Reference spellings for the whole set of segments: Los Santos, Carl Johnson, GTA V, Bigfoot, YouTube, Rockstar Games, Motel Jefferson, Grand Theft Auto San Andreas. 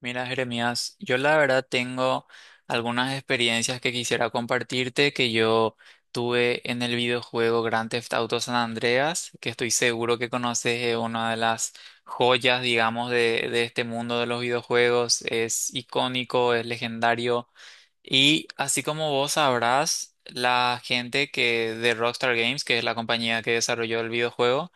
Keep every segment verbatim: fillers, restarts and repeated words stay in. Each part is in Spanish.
Mira, Jeremías, yo la verdad tengo algunas experiencias que quisiera compartirte que yo tuve en el videojuego Grand Theft Auto San Andreas, que estoy seguro que conoces, es una de las joyas, digamos, de, de este mundo de los videojuegos. Es icónico, es legendario. Y así como vos sabrás, la gente que de Rockstar Games, que es la compañía que desarrolló el videojuego,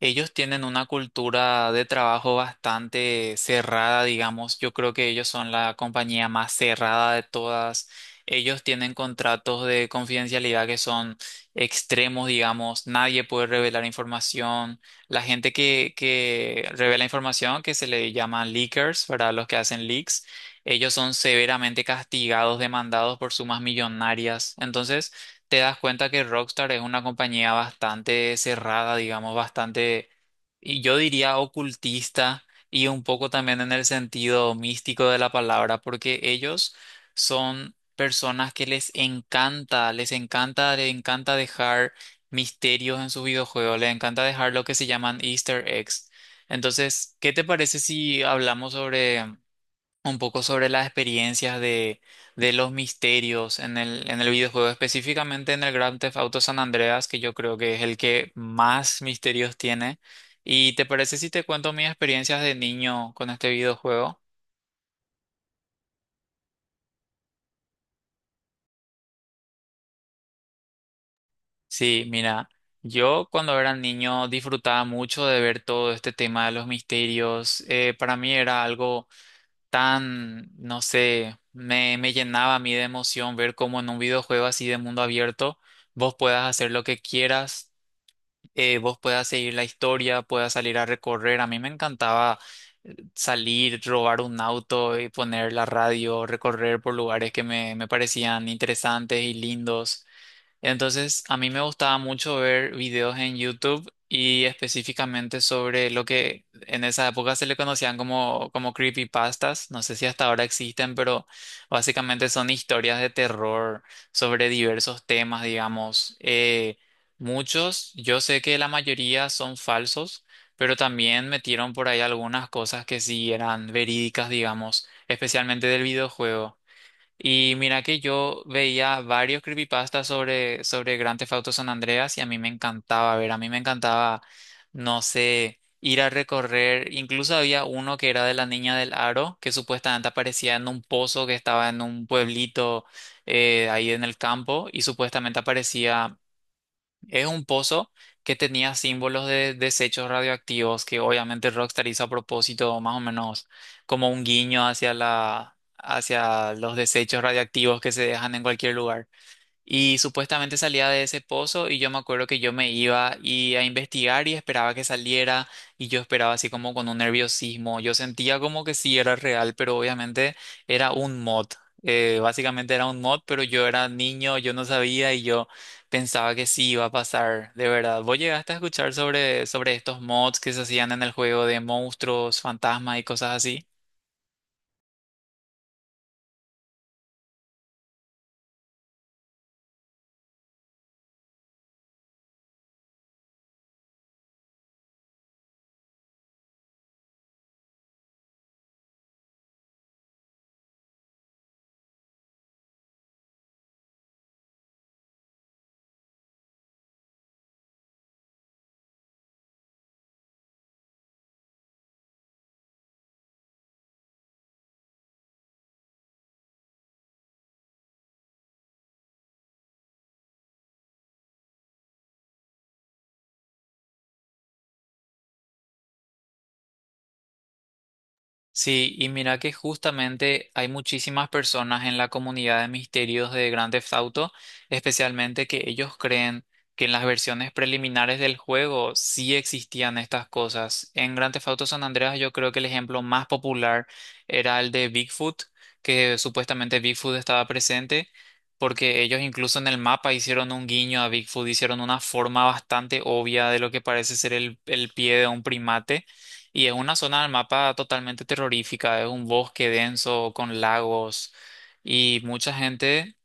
ellos tienen una cultura de trabajo bastante cerrada, digamos. Yo creo que ellos son la compañía más cerrada de todas. Ellos tienen contratos de confidencialidad que son extremos, digamos. Nadie puede revelar información. La gente que, que revela información, que se le llaman leakers, para los que hacen leaks ellos son severamente castigados, demandados por sumas millonarias. Entonces, te das cuenta que Rockstar es una compañía bastante cerrada, digamos, bastante, y yo diría ocultista, y un poco también en el sentido místico de la palabra, porque ellos son personas que les encanta, les encanta, les encanta dejar misterios en sus videojuegos, les encanta dejar lo que se llaman Easter eggs. Entonces, ¿qué te parece si hablamos sobre un poco sobre las experiencias de, de los misterios en el, en el videojuego, específicamente en el Grand Theft Auto San Andreas, que yo creo que es el que más misterios tiene? ¿Y te parece si te cuento mis experiencias de niño con este videojuego? Sí, mira, yo cuando era niño disfrutaba mucho de ver todo este tema de los misterios. Eh, para mí era algo tan, no sé, me, me llenaba a mí de emoción ver cómo en un videojuego así de mundo abierto vos puedas hacer lo que quieras, eh, vos puedas seguir la historia, puedas salir a recorrer. A mí me encantaba eh, salir, robar un auto y poner la radio, recorrer por lugares que me, me parecían interesantes y lindos. Entonces, a mí me gustaba mucho ver videos en YouTube y específicamente sobre lo que en esa época se le conocían como, como creepypastas. No sé si hasta ahora existen, pero básicamente son historias de terror sobre diversos temas, digamos. Eh, muchos, yo sé que la mayoría son falsos, pero también metieron por ahí algunas cosas que sí eran verídicas, digamos, especialmente del videojuego. Y mira que yo veía varios creepypastas sobre, sobre Grand Theft Auto San Andreas y a mí me encantaba ver, a mí me encantaba, no sé, ir a recorrer. Incluso había uno que era de la niña del aro, que supuestamente aparecía en un pozo que estaba en un pueblito eh, ahí en el campo y supuestamente aparecía es un pozo que tenía símbolos de desechos radioactivos que obviamente Rockstar hizo a propósito, más o menos como un guiño hacia la, hacia los desechos radioactivos que se dejan en cualquier lugar. Y supuestamente salía de ese pozo y yo me acuerdo que yo me iba y a investigar y esperaba que saliera y yo esperaba así como con un nerviosismo. Yo sentía como que sí era real, pero obviamente era un mod. Eh, básicamente era un mod, pero yo era niño, yo no sabía y yo pensaba que sí iba a pasar, de verdad. ¿Vos llegaste a escuchar sobre, sobre estos mods que se hacían en el juego de monstruos, fantasmas y cosas así? Sí, y mira que justamente hay muchísimas personas en la comunidad de misterios de Grand Theft Auto, especialmente que ellos creen que en las versiones preliminares del juego sí existían estas cosas. En Grand Theft Auto San Andreas yo creo que el ejemplo más popular era el de Bigfoot, que supuestamente Bigfoot estaba presente, porque ellos incluso en el mapa hicieron un guiño a Bigfoot, hicieron una forma bastante obvia de lo que parece ser el, el pie de un primate. Y es una zona del mapa totalmente terrorífica, es un bosque denso con lagos y mucha gente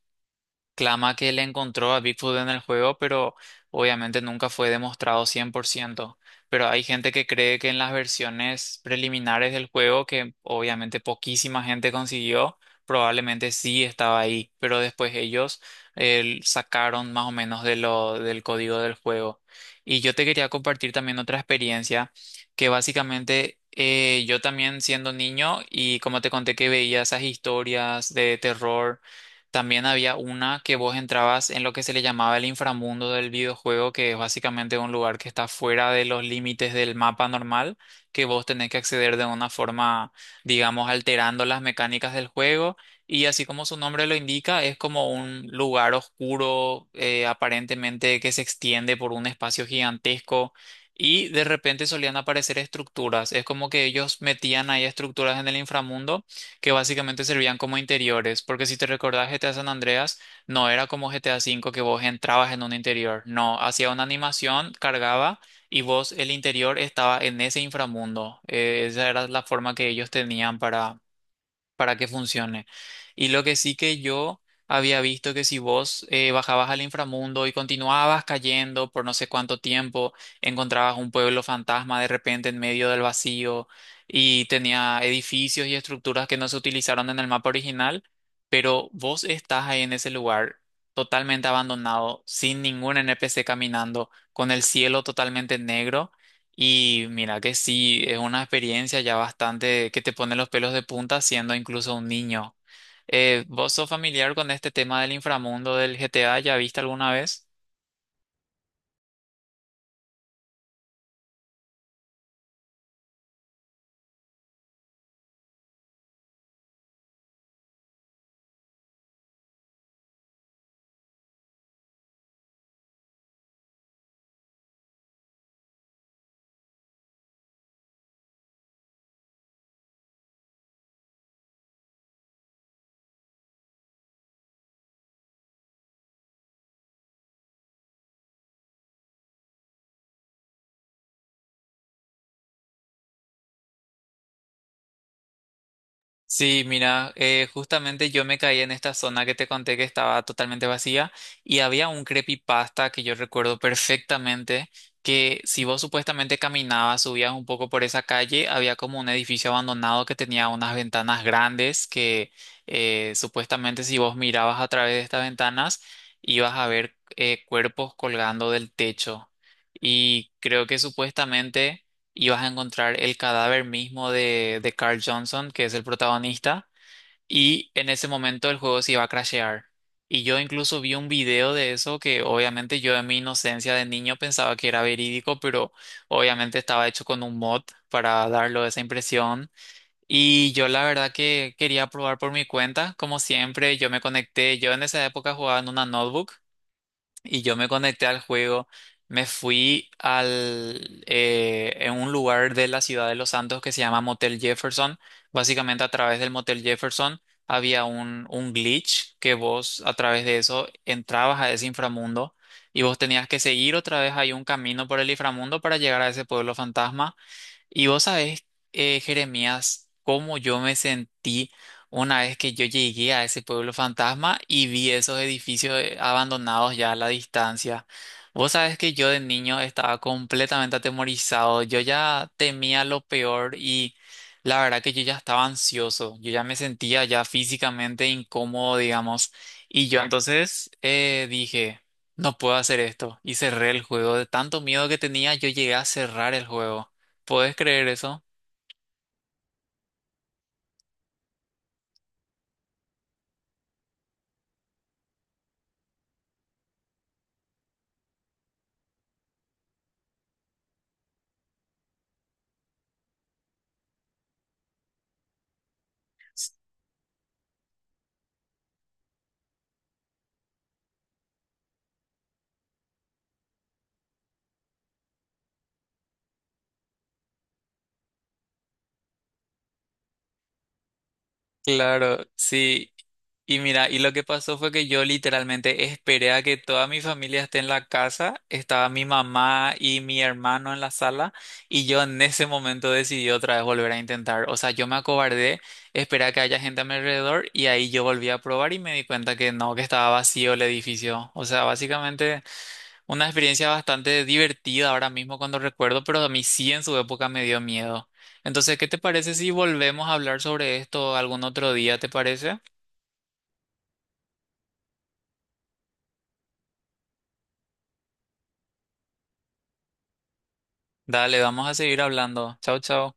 clama que le encontró a Bigfoot en el juego, pero obviamente nunca fue demostrado cien por ciento. Pero hay gente que cree que en las versiones preliminares del juego, que obviamente poquísima gente consiguió, probablemente sí estaba ahí, pero después ellos eh, sacaron más o menos de lo, del código del juego. Y yo te quería compartir también otra experiencia que básicamente... eh, yo también siendo niño y como te conté que veía esas historias de terror también había una que vos entrabas en lo que se le llamaba el inframundo del videojuego, que es básicamente un lugar que está fuera de los límites del mapa normal, que vos tenés que acceder de una forma, digamos, alterando las mecánicas del juego. Y así como su nombre lo indica, es como un lugar oscuro, eh, aparentemente que se extiende por un espacio gigantesco. Y de repente solían aparecer estructuras. Es como que ellos metían ahí estructuras en el inframundo que básicamente servían como interiores, porque si te recordás G T A San Andreas, no era como G T A cinco que vos entrabas en un interior, no, hacía una animación, cargaba y vos el interior estaba en ese inframundo. Eh, esa era la forma que ellos tenían para para que funcione. Y lo que sí que yo había visto que si vos eh, bajabas al inframundo y continuabas cayendo por no sé cuánto tiempo, encontrabas un pueblo fantasma de repente en medio del vacío y tenía edificios y estructuras que no se utilizaron en el mapa original, pero vos estás ahí en ese lugar totalmente abandonado, sin ningún N P C caminando, con el cielo totalmente negro. Y mira que sí, es una experiencia ya bastante que te pone los pelos de punta siendo incluso un niño. Eh, ¿vos sos familiar con este tema del inframundo del G T A? ¿Ya viste alguna vez? Sí, mira, eh, justamente yo me caí en esta zona que te conté que estaba totalmente vacía y había un creepypasta que yo recuerdo perfectamente que si vos supuestamente caminabas, subías un poco por esa calle, había como un edificio abandonado que tenía unas ventanas grandes que eh, supuestamente si vos mirabas a través de estas ventanas ibas a ver eh, cuerpos colgando del techo y creo que supuestamente y vas a encontrar el cadáver mismo de, de Carl Johnson, que es el protagonista, y en ese momento el juego se iba a crashear. Y yo incluso vi un video de eso que obviamente yo en mi inocencia de niño pensaba que era verídico, pero obviamente estaba hecho con un mod para darlo esa impresión. Y yo la verdad que quería probar por mi cuenta, como siempre, yo me conecté, yo en esa época jugaba en una notebook y yo me conecté al juego. Me fui al, eh, en un lugar de la ciudad de Los Santos que se llama Motel Jefferson. Básicamente a través del Motel Jefferson había un, un glitch que vos a través de eso entrabas a ese inframundo y vos tenías que seguir otra vez ahí un camino por el inframundo para llegar a ese pueblo fantasma. Y vos sabés, eh, Jeremías, cómo yo me sentí una vez que yo llegué a ese pueblo fantasma y vi esos edificios eh, abandonados ya a la distancia. Vos sabés que yo de niño estaba completamente atemorizado, yo ya temía lo peor y la verdad que yo ya estaba ansioso, yo ya me sentía ya físicamente incómodo, digamos, y yo entonces eh, dije, no puedo hacer esto y cerré el juego, de tanto miedo que tenía, yo llegué a cerrar el juego. ¿Puedes creer eso? Claro, sí. Y mira, y lo que pasó fue que yo literalmente esperé a que toda mi familia esté en la casa, estaba mi mamá y mi hermano en la sala, y yo en ese momento decidí otra vez volver a intentar. O sea, yo me acobardé, esperé a que haya gente a mi alrededor, y ahí yo volví a probar y me di cuenta que no, que estaba vacío el edificio. O sea, básicamente... una experiencia bastante divertida ahora mismo cuando recuerdo, pero a mí sí en su época me dio miedo. Entonces, ¿qué te parece si volvemos a hablar sobre esto algún otro día? ¿Te parece? Dale, vamos a seguir hablando. Chao, chao.